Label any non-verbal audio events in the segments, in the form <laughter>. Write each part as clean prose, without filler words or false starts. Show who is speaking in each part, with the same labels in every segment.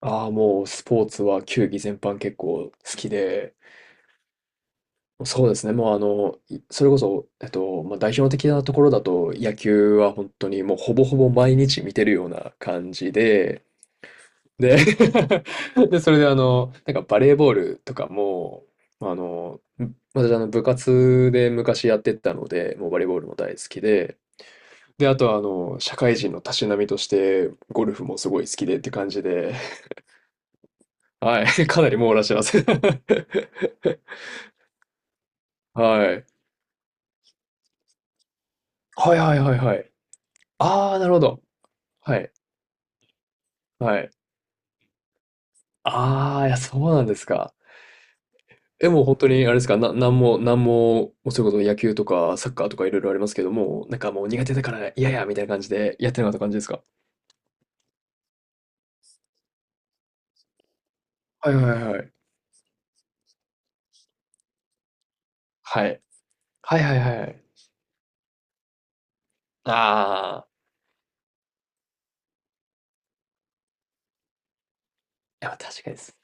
Speaker 1: ああ、もうスポーツは球技全般結構好きで、そうですね、もうそれこそ、まあ、代表的なところだと野球は本当にもうほぼ毎日見てるような感じで、で、<laughs> で、それでなんかバレーボールとかも、まあの、ん私部活で昔やってたので、もうバレーボールも大好きで、で、あとは社会人のたしなみとしてゴルフもすごい好きでって感じで、<laughs> はい、<laughs> かなり網羅してます。<laughs> はい。はいはいはいはい。ああ、なるほど。はい。はい。ああ、いや、そうなんですか。え、もう本当にあれですか、な、なんも、なんも、うそれこそ野球とかサッカーとかいろいろありますけども、なんかもう苦手だから嫌や、みたいな感じでやってなかった感じですか？はいはいはい。はい。はいはいはいはい。ああ、いや、確かにです。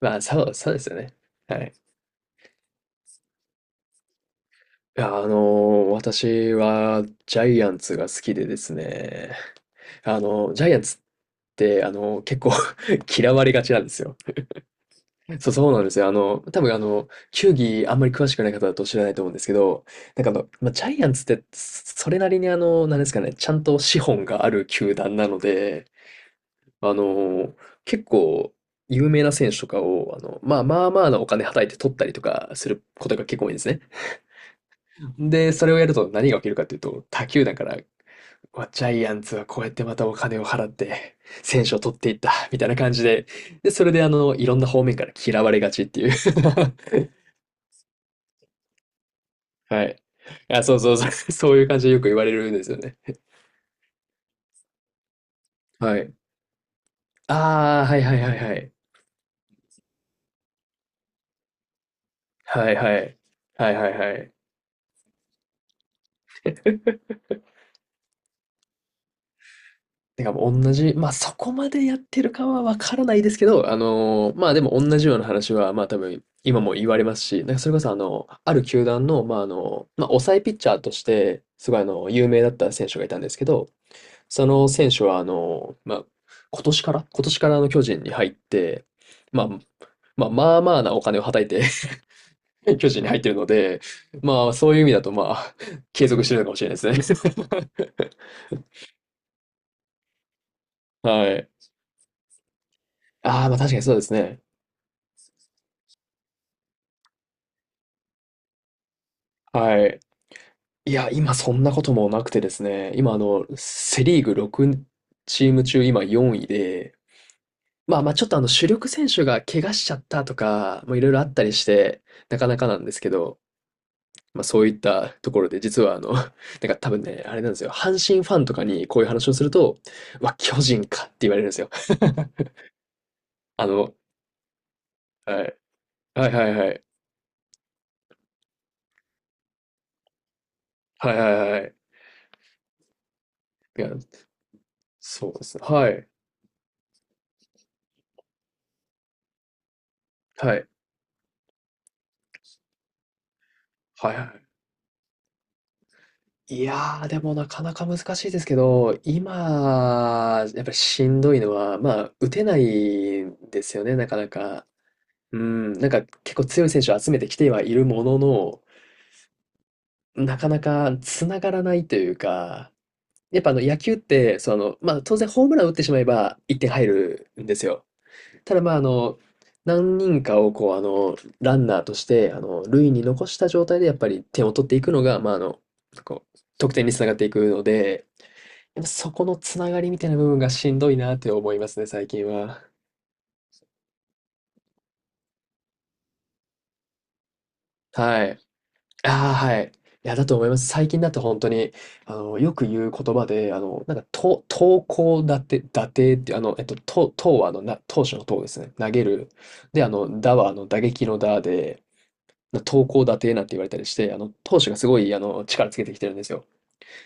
Speaker 1: まあ、そうですよね。はい。いや、あの、私はジャイアンツが好きでですね、あの、ジャイアンツって、あの、結構 <laughs> 嫌われがちなんですよ。そうなんですよ。あの、多分あの、球技あんまり詳しくない方だと知らないと思うんですけど、なんかまあ、ジャイアンツってそれなりになんですかね、ちゃんと資本がある球団なので、あの、結構有名な選手とかを、あの、まあまあまあなお金はたいて取ったりとかすることが結構多いんですね。で、それをやると何が起きるかというと、他球団から、うわジャイアンツはこうやってまたお金を払って、選手を取っていった、みたいな感じで、で、それであの、いろんな方面から嫌われがちっていう。 <laughs> はい。あ、そうそうそう。<laughs> そういう感じでよく言われるんですよね。はい。ああ、はいはいはいはい。はいはい。はいはいはい。てかもう同じ、まあそこまでやってるかはわからないですけど、あのーまあでも同じような話は、まあ多分今も言われますし、なんかそれこそあの、ある球団の、まああの、まあ抑えピッチャーとして、すごいあの、有名だった選手がいたんですけど、その選手はあの、まあ今年から巨人に入って、まあ、まあまあまあなお金をはたいて <laughs> 巨人に入ってるので、まあ、そういう意味だと、まあ、<laughs> 継続してるのかもしれないですね。<laughs> はい。ああ、まあ確かにそうですね。はい。いや、今そんなこともなくてですね、今、あの、セ・リーグ6チーム中、今4位で、まあまあ、ちょっとあの、主力選手が怪我しちゃったとか、もういろいろあったりして、なかなかなんですけど、まあそういったところで、実はあの、<laughs> なんか多分ね、あれなんですよ、阪神ファンとかにこういう話をすると、うわ、巨人かって言われるんですよ。<laughs> あの、はい。はいはいはい。はいはいはいはいはいはい。いや、そうですね。はい。はい。はいはい。いやー、でもなかなか難しいですけど、今、やっぱりしんどいのは、まあ、打てないんですよね、なかなか。うん、なんか結構強い選手を集めてきてはいるものの、なかなか繋がらないというか、やっぱ野球って、その、まあ当然ホームラン打ってしまえば1点入るんですよ。ただまあ、あの、何人かをこう、あの、ランナーとして、あの、塁に残した状態でやっぱり点を取っていくのが、まあ、あの、こう、得点につながっていくので、やっぱそこのつながりみたいな部分がしんどいなって思いますね、最近は。はい。ああ、はい。いや、だと思います。最近だと本当に、あの、よく言う言葉で、あの、なんか、投高打て打てっていう、あの、投はあの、投手の投ですね。投げる。で、あの、打はあの、打撃の打で、投高打低なんて言われたりして、あの、投手がすごい、あの、力つけてきてるんですよ。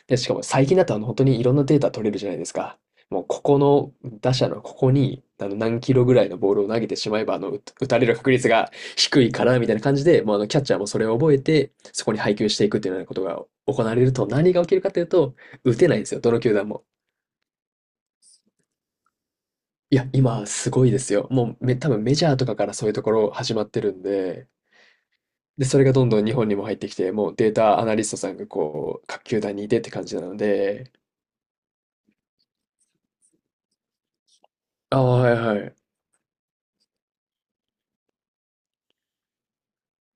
Speaker 1: で、しかも最近だと、あの、本当にいろんなデータ取れるじゃないですか。もう、ここの、打者のここに、あの、何キロぐらいのボールを投げてしまえば、あの、打たれる確率が低いから、みたいな感じで、もう、あの、キャッチャーもそれを覚えて、そこに配球していくっていうようなことが行われると、何が起きるかというと、打てないんですよ、どの球団も。いや、今、すごいですよ。もうめ、多分メジャーとかからそういうところ始まってるんで、で、それがどんどん日本にも入ってきて、もうデータアナリストさんがこう、各球団にいてって感じなので、ああ、はいはい。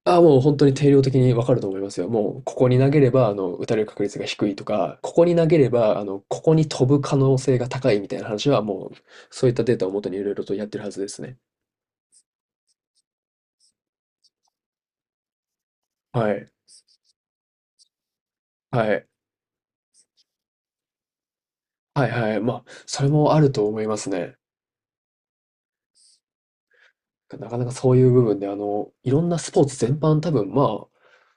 Speaker 1: ああ、もう本当に定量的にわかると思いますよ。もう、ここに投げれば、あの、打たれる確率が低いとか、ここに投げれば、あの、ここに飛ぶ可能性が高いみたいな話は、もう、そういったデータをもとにいろいろとやってるはずですね。はい。はい。はいはい。まあ、それもあると思いますね。なかなかそういう部分で、あの、いろんなスポーツ全般多分、まあ、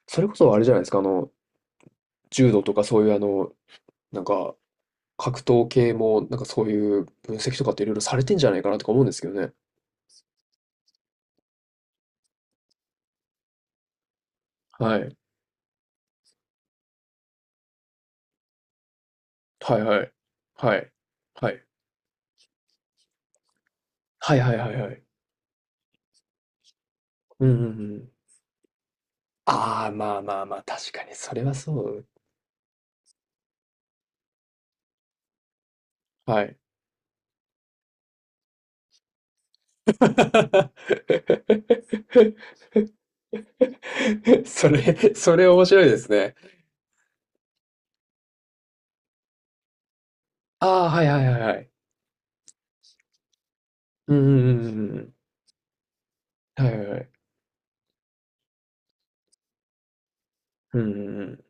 Speaker 1: それこそあれじゃないですか、あの、柔道とかそういうあの、なんか、格闘系も、なんかそういう分析とかっていろいろされてんじゃないかなとか思うんですけどね。はい。はいはい。はい。はい。はいはいはいはい。うんうんうん。ああ、まあまあまあ、確かにそれはそう。はい。<laughs> それ面白いですね。ああ、はいはいはいはい。うんうんうんうんうん。はいはいはい。うんうんうん。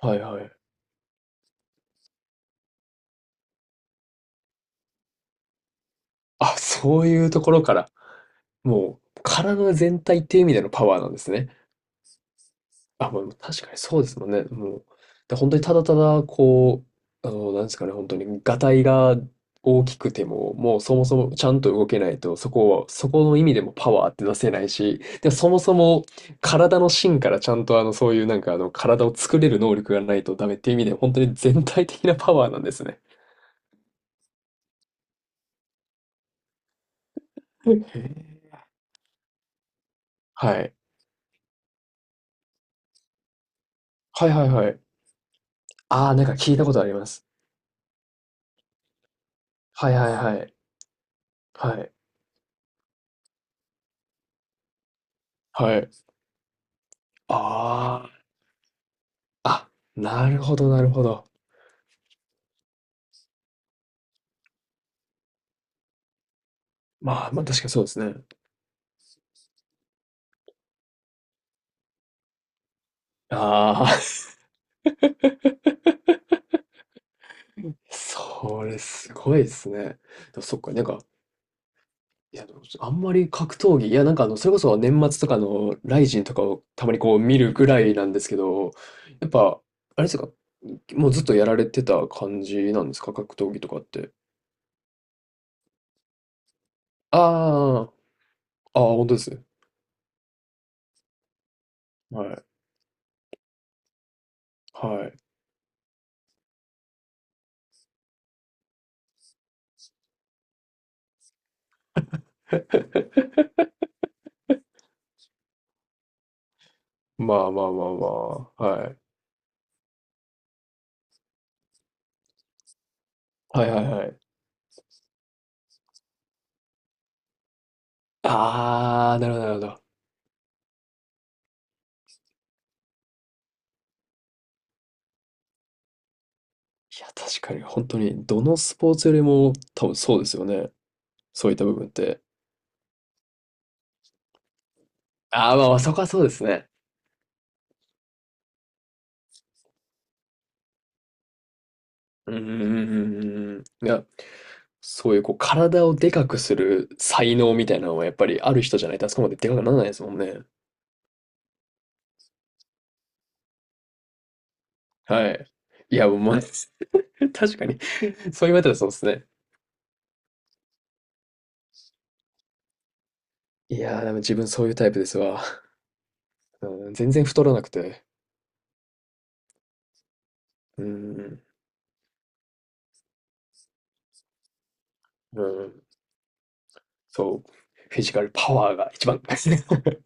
Speaker 1: はいはい。あ、そういうところから、もう体全体っていう意味でのパワーなんですね。あ、まあ、確かにそうですもんね。もう、で、本当にただただ、こう、あの、なんですかね、本当に、がたいが大きくても、もうそもそもちゃんと動けないと、そこはそこの意味でもパワーって出せないし、で、そもそも体の芯からちゃんと、あの、そういうなんか、あの、体を作れる能力がないとダメっていう意味で、本当に全体的なパワーなんですね。へえ。はい。はいはいはい。ああ、なんか聞いたことあります。はいはいはい。はい。はい。ああ。あ、なるほどなるほど。まあ、確かにそうですね。ああ、<laughs> それすごいですね。でもそっか、なんか、いや、でも、あんまり格闘技、いや、なんか、あの、それこそ年末とかのライジンとかをたまにこう見るぐらいなんですけど、やっぱ、あれですか、もうずっとやられてた感じなんですか？格闘技とかって。ああああ本当です。はい。はい。まあまあまあまあ、はい。はいはいはい。ああ、なるほどなるほど。いや、確かに本当にどのスポーツよりも多分そうですよね。そういった部分って。ああ、まあまあ、そこはそうですね。うんうんうんうんうん。いや、そういうこう体をでかくする才能みたいなのはやっぱりある人じゃないとあそこまででかくならないですもんね。はい。いや、もう、まあ <laughs> 確かに <laughs> そう言われたらそうですね。いやー、でも自分そういうタイプですわ。うん、全然太らなくて。うん、うん、そう。フィジカルパワーが一番。<laughs>